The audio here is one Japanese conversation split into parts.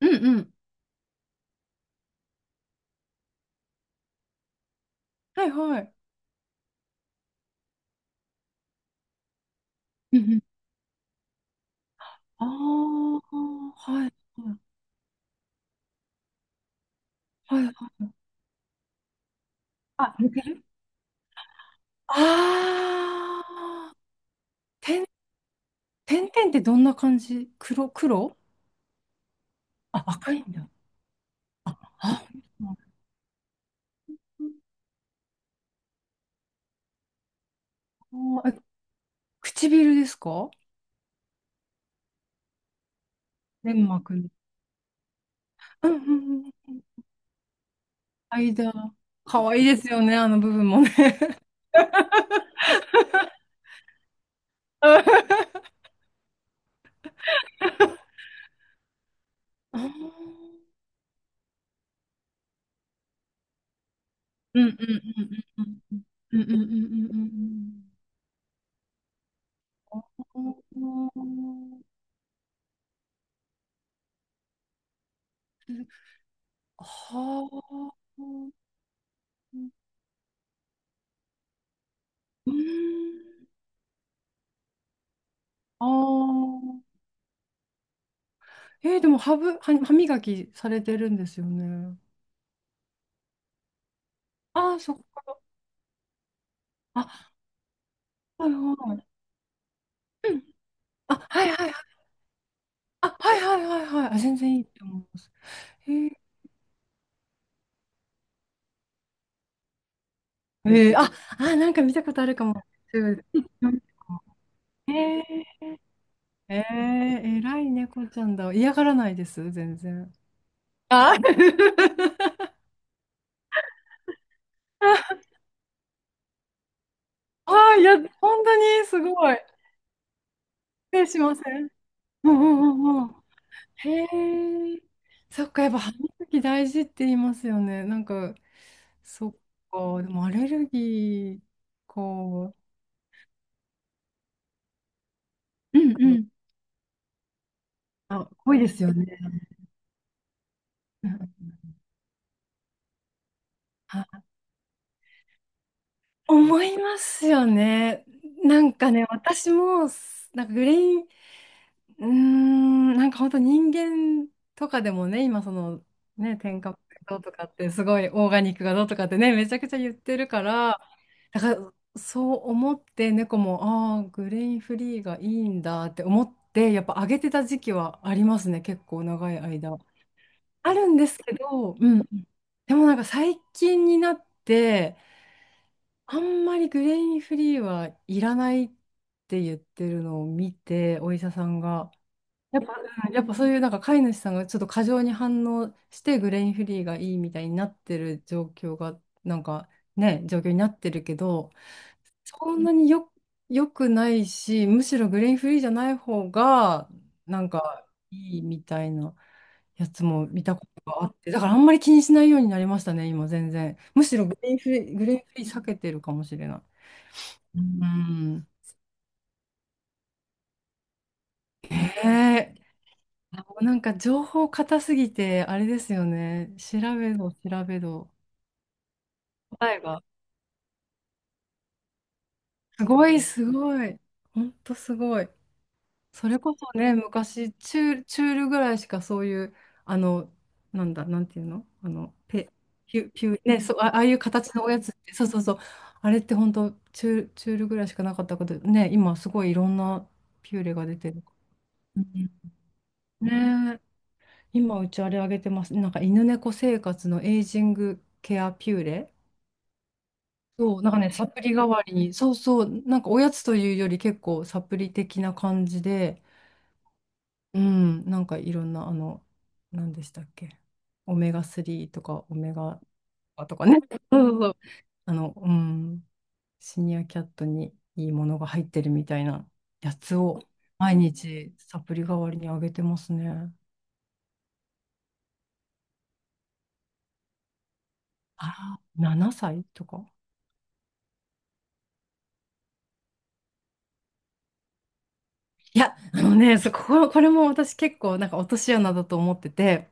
うんうん。はいはい。うんうん。ああ、はい、はい、はい。あ、似てる。ああー、点、点々ってどんな感じ？黒？あ、赤いんだ。あ、あーえ唇ですか？粘膜の。うんうんうんうん。間。かわいいですよね、あの部分もね。あー。うんうんうんうんうんうんうんうんうんうんうん。はあ。うん。ああ。でも歯ぶ、歯、歯磨きされてるんですよね？ああ、そっか。あ、はいはい。うん。あ、はいはいはい。あ、はいはいはいはい。あ、全然いいと思います。へえ。あ、あ、なんか見たことあるかも。うんうん。えー、え偉い猫ちゃんだ。嫌がらないです、全然。あ、 あ、いや、本当にすごい。失礼しません。うんうんうんうん。へえ。そっか、やっぱ歯磨き大事って言いますよね。なんか、そっか、でもアレルギーか。うんうん。あ、多いですよね。うん。あ、思いますよね。なんかね、私も、なんかグレイうーん、なんか本当人間とかでもね、今そのね、添加物がどうとかってすごいオーガニックがどうとかってね、めちゃくちゃ言ってるから、だからそう思って猫も、ああ、グレインフリーがいいんだって思って、やっぱ上げてた時期はありますね、結構長い間。あるんですけど、うん。でもなんか最近になって、あんまりグレインフリーはいらないって言ってるのを見て、お医者さんが。やっぱ、うん、やっぱそういうなんか飼い主さんがちょっと過剰に反応してグレインフリーがいいみたいになってる状況が、なんかね、状況になってるけど、そんなに良くないし、むしろグレインフリーじゃない方がなんかいいみたいなやつも見たことがあって、だからあんまり気にしないようになりましたね、今全然。むしろグレインフリー避けてるかもしれない。うん、へ。あ、なんか情報硬すぎて、あれですよね。調べど、調べど。答えが。すごい、すごい。ほんとすごい。それこそね、昔、チュールぐらいしかそういう、あの、なんだ、なんていうの、あの、ペ、ピュ、ピュ、ね、そう、あ、ああいう形のおやつって、そうそうそう。あれって本当チュールぐらいしかなかったこと、ね。今すごいいろんなピューレが出てる。うん、ね。今うちあれあげてます。なんか犬猫生活のエイジングケアピューレ。そう、なんかね、サプリ代わりに、そうそう、なんかおやつというより結構サプリ的な感じで、うん、なんかいろんな、あの、何でしたっけ、オメガ3とかオメガとかね、そうそうそう、あの、うん、シニアキャットにいいものが入ってるみたいなやつを、毎日サプリ代わりにあげてますね。あら、7歳とか。いや、あのね、そこ、これも私結構なんか落とし穴だと思ってて、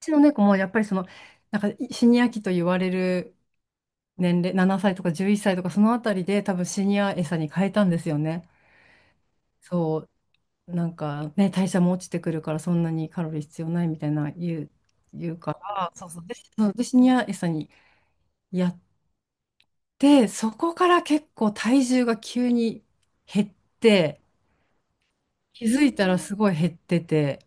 うちの猫もやっぱりその、なんかシニア期と言われる年齢、7歳とか11歳とかそのあたりで、多分シニア餌に変えたんですよね。そう、なんかね、代謝も落ちてくるからそんなにカロリー必要ないみたいな言うから、そうそう、で、そうでシニア餌にやって、そこから結構体重が急に減って、気づいたらすごい減ってて、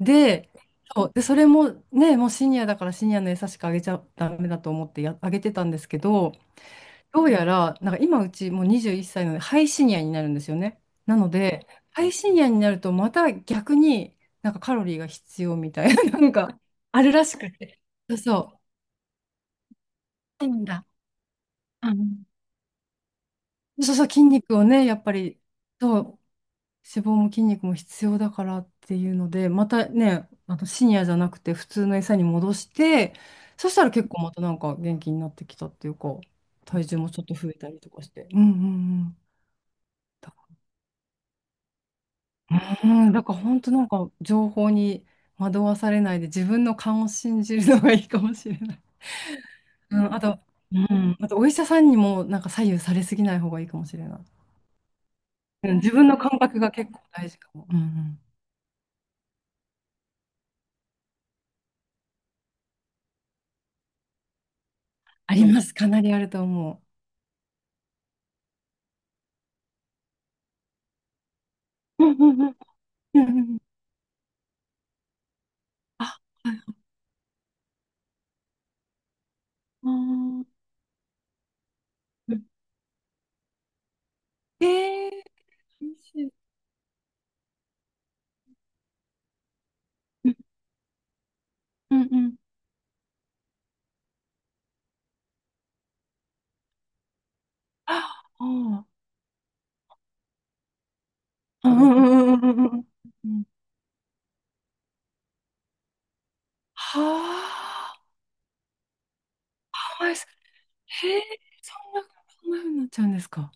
で、そう、で、それもね、もうシニアだからシニアの餌しかあげちゃダメだと思ってあげてたんですけど、どうやら、なんか今うちもう21歳なので、ハイシニアになるんですよね。なので、ハイシニアになるとまた逆になんかカロリーが必要みたいな、なんかあるらしくて。そうそう。いいんだ。うん。そうそう、筋肉をね、やっぱり、そう、脂肪も筋肉も必要だからっていうので、またね、あの深夜じゃなくて普通の餌に戻して、そしたら結構またなんか元気になってきたっていうか、体重もちょっと増えたりとかして。うんうんうん。だ、うん、だから本当なんか情報に惑わされないで、自分の勘を信じるのがいいかもしれない。うん、あと、うん、あと、お医者さんにもなんか左右されすぎない方がいいかもしれない。うん、自分の感覚が結構大事かも。うんうん、あります。かなりあると思う。うううんんん。うんうんうん。あ、はい。あー、うん。えー、美味しい。うんうんうん。ああー、うんうんうんうんうんうん。はあ、甘いです。へえ、そんな風になっちゃうんですか？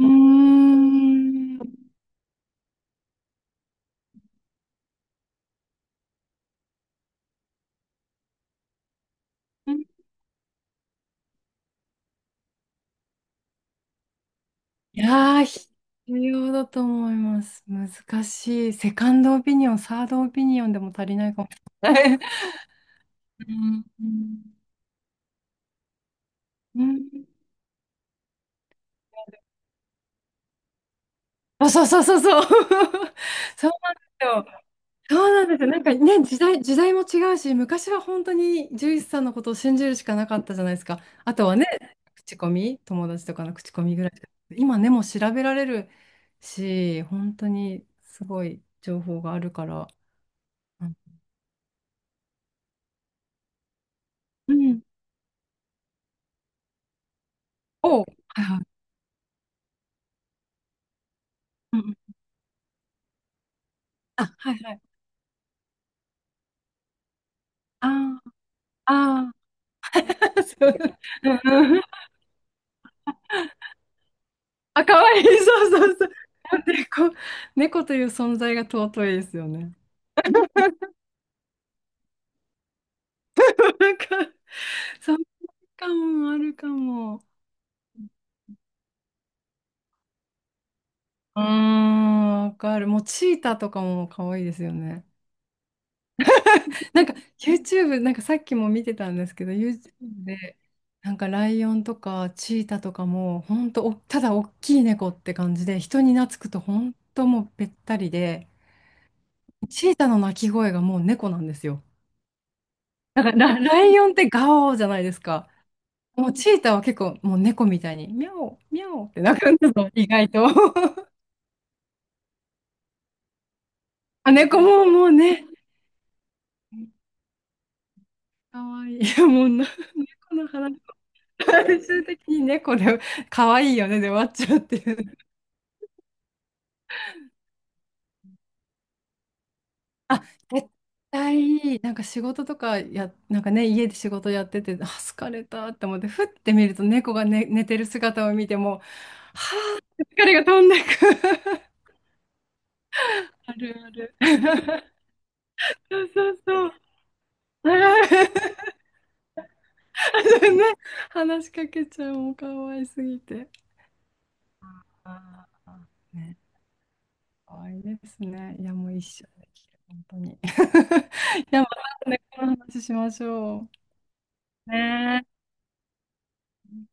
うーん。いやー、必要だと思います。難しい。セカンドオピニオン、サードオピニオンでも足りないかもしれない。うんうんうん。あ、そうそうそうそう。そうなんですよ。そうなんですよ。なんかね、時代も違うし、昔は本当に獣医師さんのことを信じるしかなかったじゃないですか。あとはね、口コミ、友達とかの口コミぐらいしか。今ね、もう調べられるし、本当にすごい情報があるから。うん。うん。おう、はいはい。うんうん。あ、はいはい。あー、あー、そう。うんうん。あ、かわいい。そうそうそう。猫、猫という存在が尊いですよね。なんか、そうかも、あるかも。うーん、わかる。もうチーターとかも可愛いですよね。なんか YouTube、なんかさっきも見てたんですけど、YouTube で、なんかライオンとかチーターとかも、ほんとお、ただ大きい猫って感じで、人に懐くとほんともうべったりで、チーターの鳴き声がもう猫なんですよ。だからライオンってガオーじゃないですか。もうチーターは結構もう猫みたいに、ミャオ、ミャオって鳴くんですよ、意外と。あ、猫ももうね。かわいい。もう、この話、最終的に猫で、かわいいよね、で終わっちゃうっていうね。あ、絶対いい。なんか仕事とかや、なんかね、家で仕事やってて、あ、疲れたって思って、ふって見ると猫が、ね、寝てる姿を見ても、疲れが飛んでく。あるある。そうそうそう。あるある。 ね、話しかけちゃう、もうかわいすぎて。あー、ね。可愛いですね。いや、もう一生できる、本当に。いや、またね、この話しましょう。ねえ。